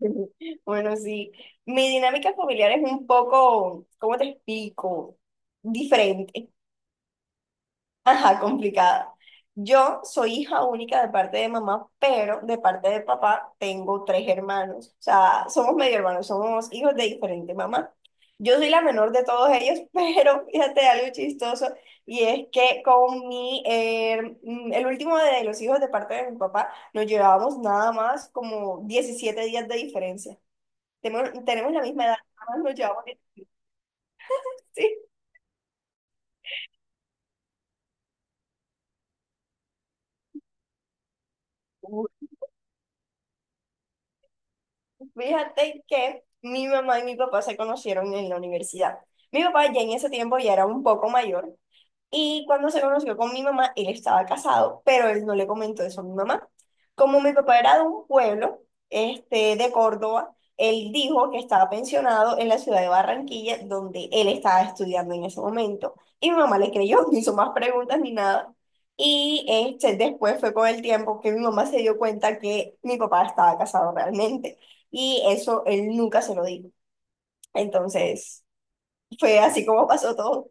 Bueno, sí. Mi dinámica familiar es un poco, ¿cómo te explico? Diferente. Ajá, complicada. Yo soy hija única de parte de mamá, pero de parte de papá tengo tres hermanos. O sea, somos medio hermanos, somos hijos de diferente mamá. Yo soy la menor de todos ellos, pero fíjate algo chistoso, y es que con mi, el último de los hijos de parte de mi papá, nos llevábamos nada más como 17 días de diferencia. Tenemos la misma edad, nada más nos llevamos 10. Sí. Uy. Fíjate que mi mamá y mi papá se conocieron en la universidad. Mi papá ya en ese tiempo ya era un poco mayor. Y cuando se conoció con mi mamá, él estaba casado, pero él no le comentó eso a mi mamá. Como mi papá era de un pueblo, este, de Córdoba, él dijo que estaba pensionado en la ciudad de Barranquilla, donde él estaba estudiando en ese momento. Y mi mamá le creyó, no hizo más preguntas ni nada. Y este, después fue con el tiempo que mi mamá se dio cuenta que mi papá estaba casado realmente. Y eso él nunca se lo dijo. Entonces, fue así como pasó todo.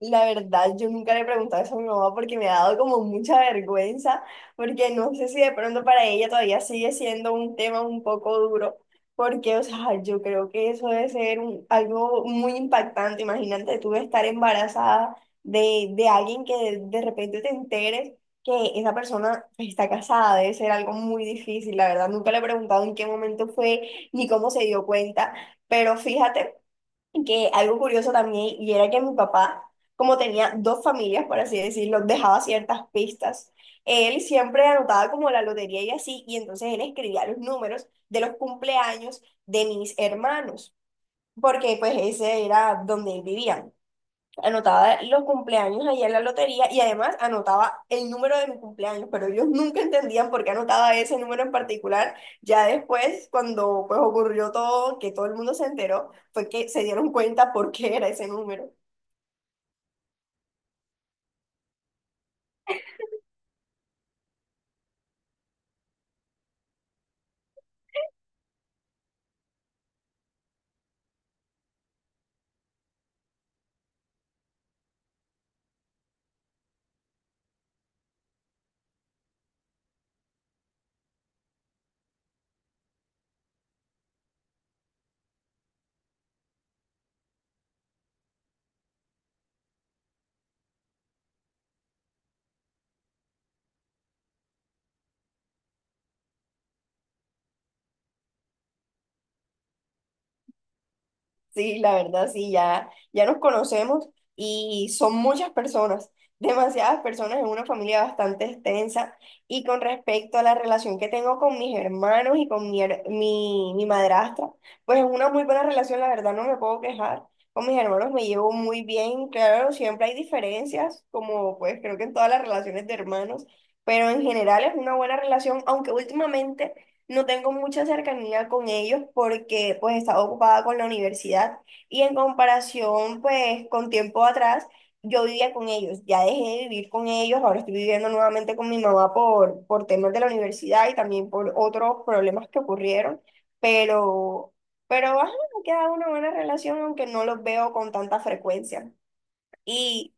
La verdad, yo nunca le he preguntado eso a mi mamá porque me ha dado como mucha vergüenza, porque no sé si de pronto para ella todavía sigue siendo un tema un poco duro, porque, o sea, yo creo que eso debe ser un- algo muy impactante. Imagínate tú estar embarazada de alguien que de repente te enteres que esa persona está casada, debe ser algo muy difícil. La verdad, nunca le he preguntado en qué momento fue ni cómo se dio cuenta, pero fíjate que algo curioso también, y era que mi papá, como tenía dos familias, por así decirlo, dejaba ciertas pistas. Él siempre anotaba como la lotería y así, y entonces él escribía los números de los cumpleaños de mis hermanos, porque pues ese era donde él vivía, anotaba los cumpleaños allá en la lotería y además anotaba el número de mi cumpleaños, pero ellos nunca entendían por qué anotaba ese número en particular. Ya después, cuando pues ocurrió todo, que todo el mundo se enteró, fue que se dieron cuenta por qué era ese número. Sí, la verdad, sí, ya, ya nos conocemos y son muchas personas, demasiadas personas en una familia bastante extensa. Y con respecto a la relación que tengo con mis hermanos y con mi, her- mi madrastra, pues es una muy buena relación, la verdad, no me puedo quejar. Con mis hermanos me llevo muy bien, claro, siempre hay diferencias, como pues creo que en todas las relaciones de hermanos, pero en general es una buena relación, aunque últimamente... No tengo mucha cercanía con ellos porque pues estaba ocupada con la universidad y en comparación pues con tiempo atrás yo vivía con ellos, ya dejé de vivir con ellos, ahora estoy viviendo nuevamente con mi mamá por temas de la universidad y también por otros problemas que ocurrieron, pero, pero ajá, me queda una buena relación aunque no los veo con tanta frecuencia. Y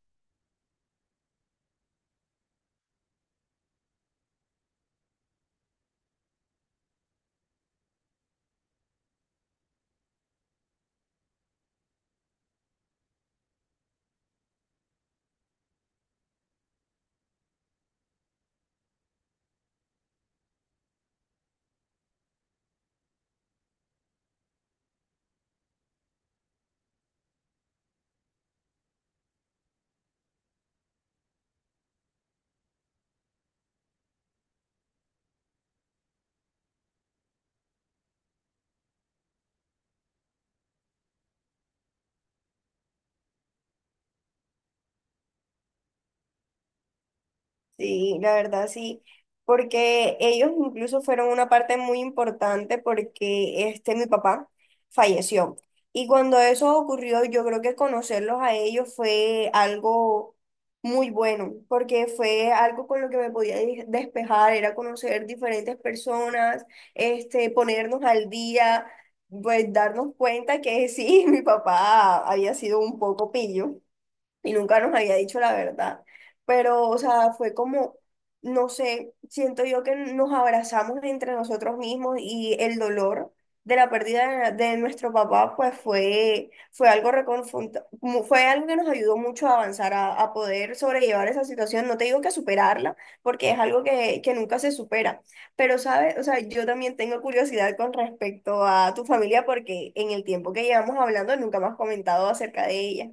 sí, la verdad sí, porque ellos incluso fueron una parte muy importante porque este mi papá falleció. Y cuando eso ocurrió, yo creo que conocerlos a ellos fue algo muy bueno, porque fue algo con lo que me podía de- despejar, era conocer diferentes personas, este, ponernos al día, pues darnos cuenta que sí, mi papá había sido un poco pillo y nunca nos había dicho la verdad. Pero, o sea, fue como, no sé, siento yo que nos abrazamos entre nosotros mismos y el dolor de la pérdida de nuestro papá, pues fue, fue algo reconfronta- mu- fue algo que nos ayudó mucho a avanzar, a poder sobrellevar esa situación. No te digo que superarla, porque es algo que nunca se supera. Pero, ¿sabes? O sea, yo también tengo curiosidad con respecto a tu familia, porque en el tiempo que llevamos hablando nunca me has comentado acerca de ella.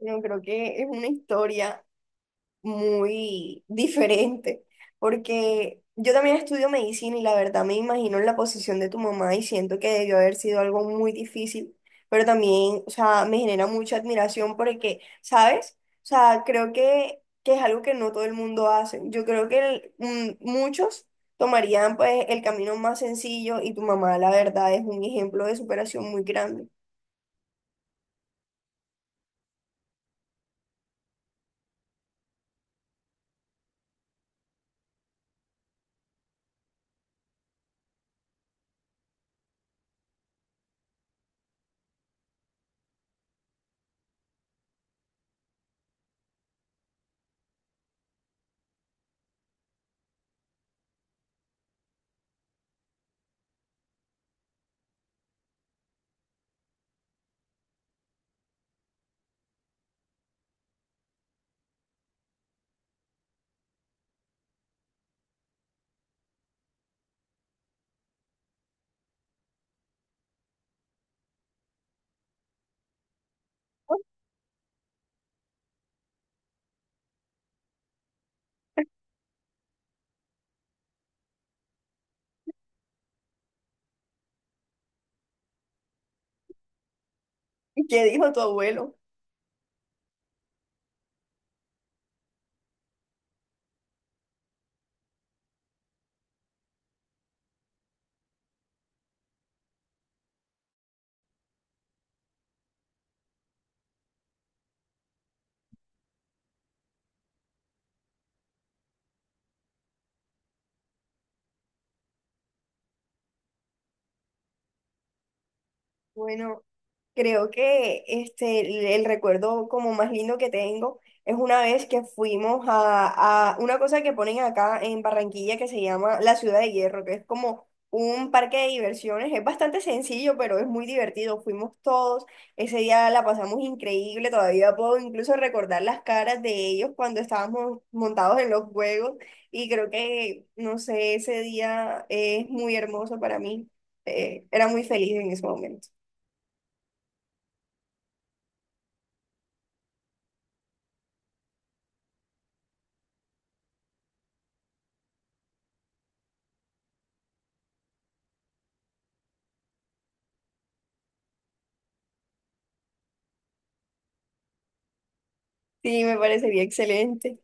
Yo creo que es una historia muy diferente, porque yo también estudio medicina y la verdad me imagino en la posición de tu mamá y siento que debió haber sido algo muy difícil, pero también, o sea, me genera mucha admiración porque, ¿sabes? O sea, creo que es algo que no todo el mundo hace. Yo creo que el- muchos tomarían pues el camino más sencillo y tu mamá, la verdad, es un ejemplo de superación muy grande. ¿Qué dijo tu abuelo? Bueno. Creo que este, el recuerdo como más lindo que tengo es una vez que fuimos a una cosa que ponen acá en Barranquilla que se llama la Ciudad de Hierro, que es como un parque de diversiones. Es bastante sencillo, pero es muy divertido. Fuimos todos, ese día la pasamos increíble, todavía puedo incluso recordar las caras de ellos cuando estábamos montados en los juegos y creo que, no sé, ese día es muy hermoso para mí. Era muy feliz en ese momento. Sí, me parecería excelente.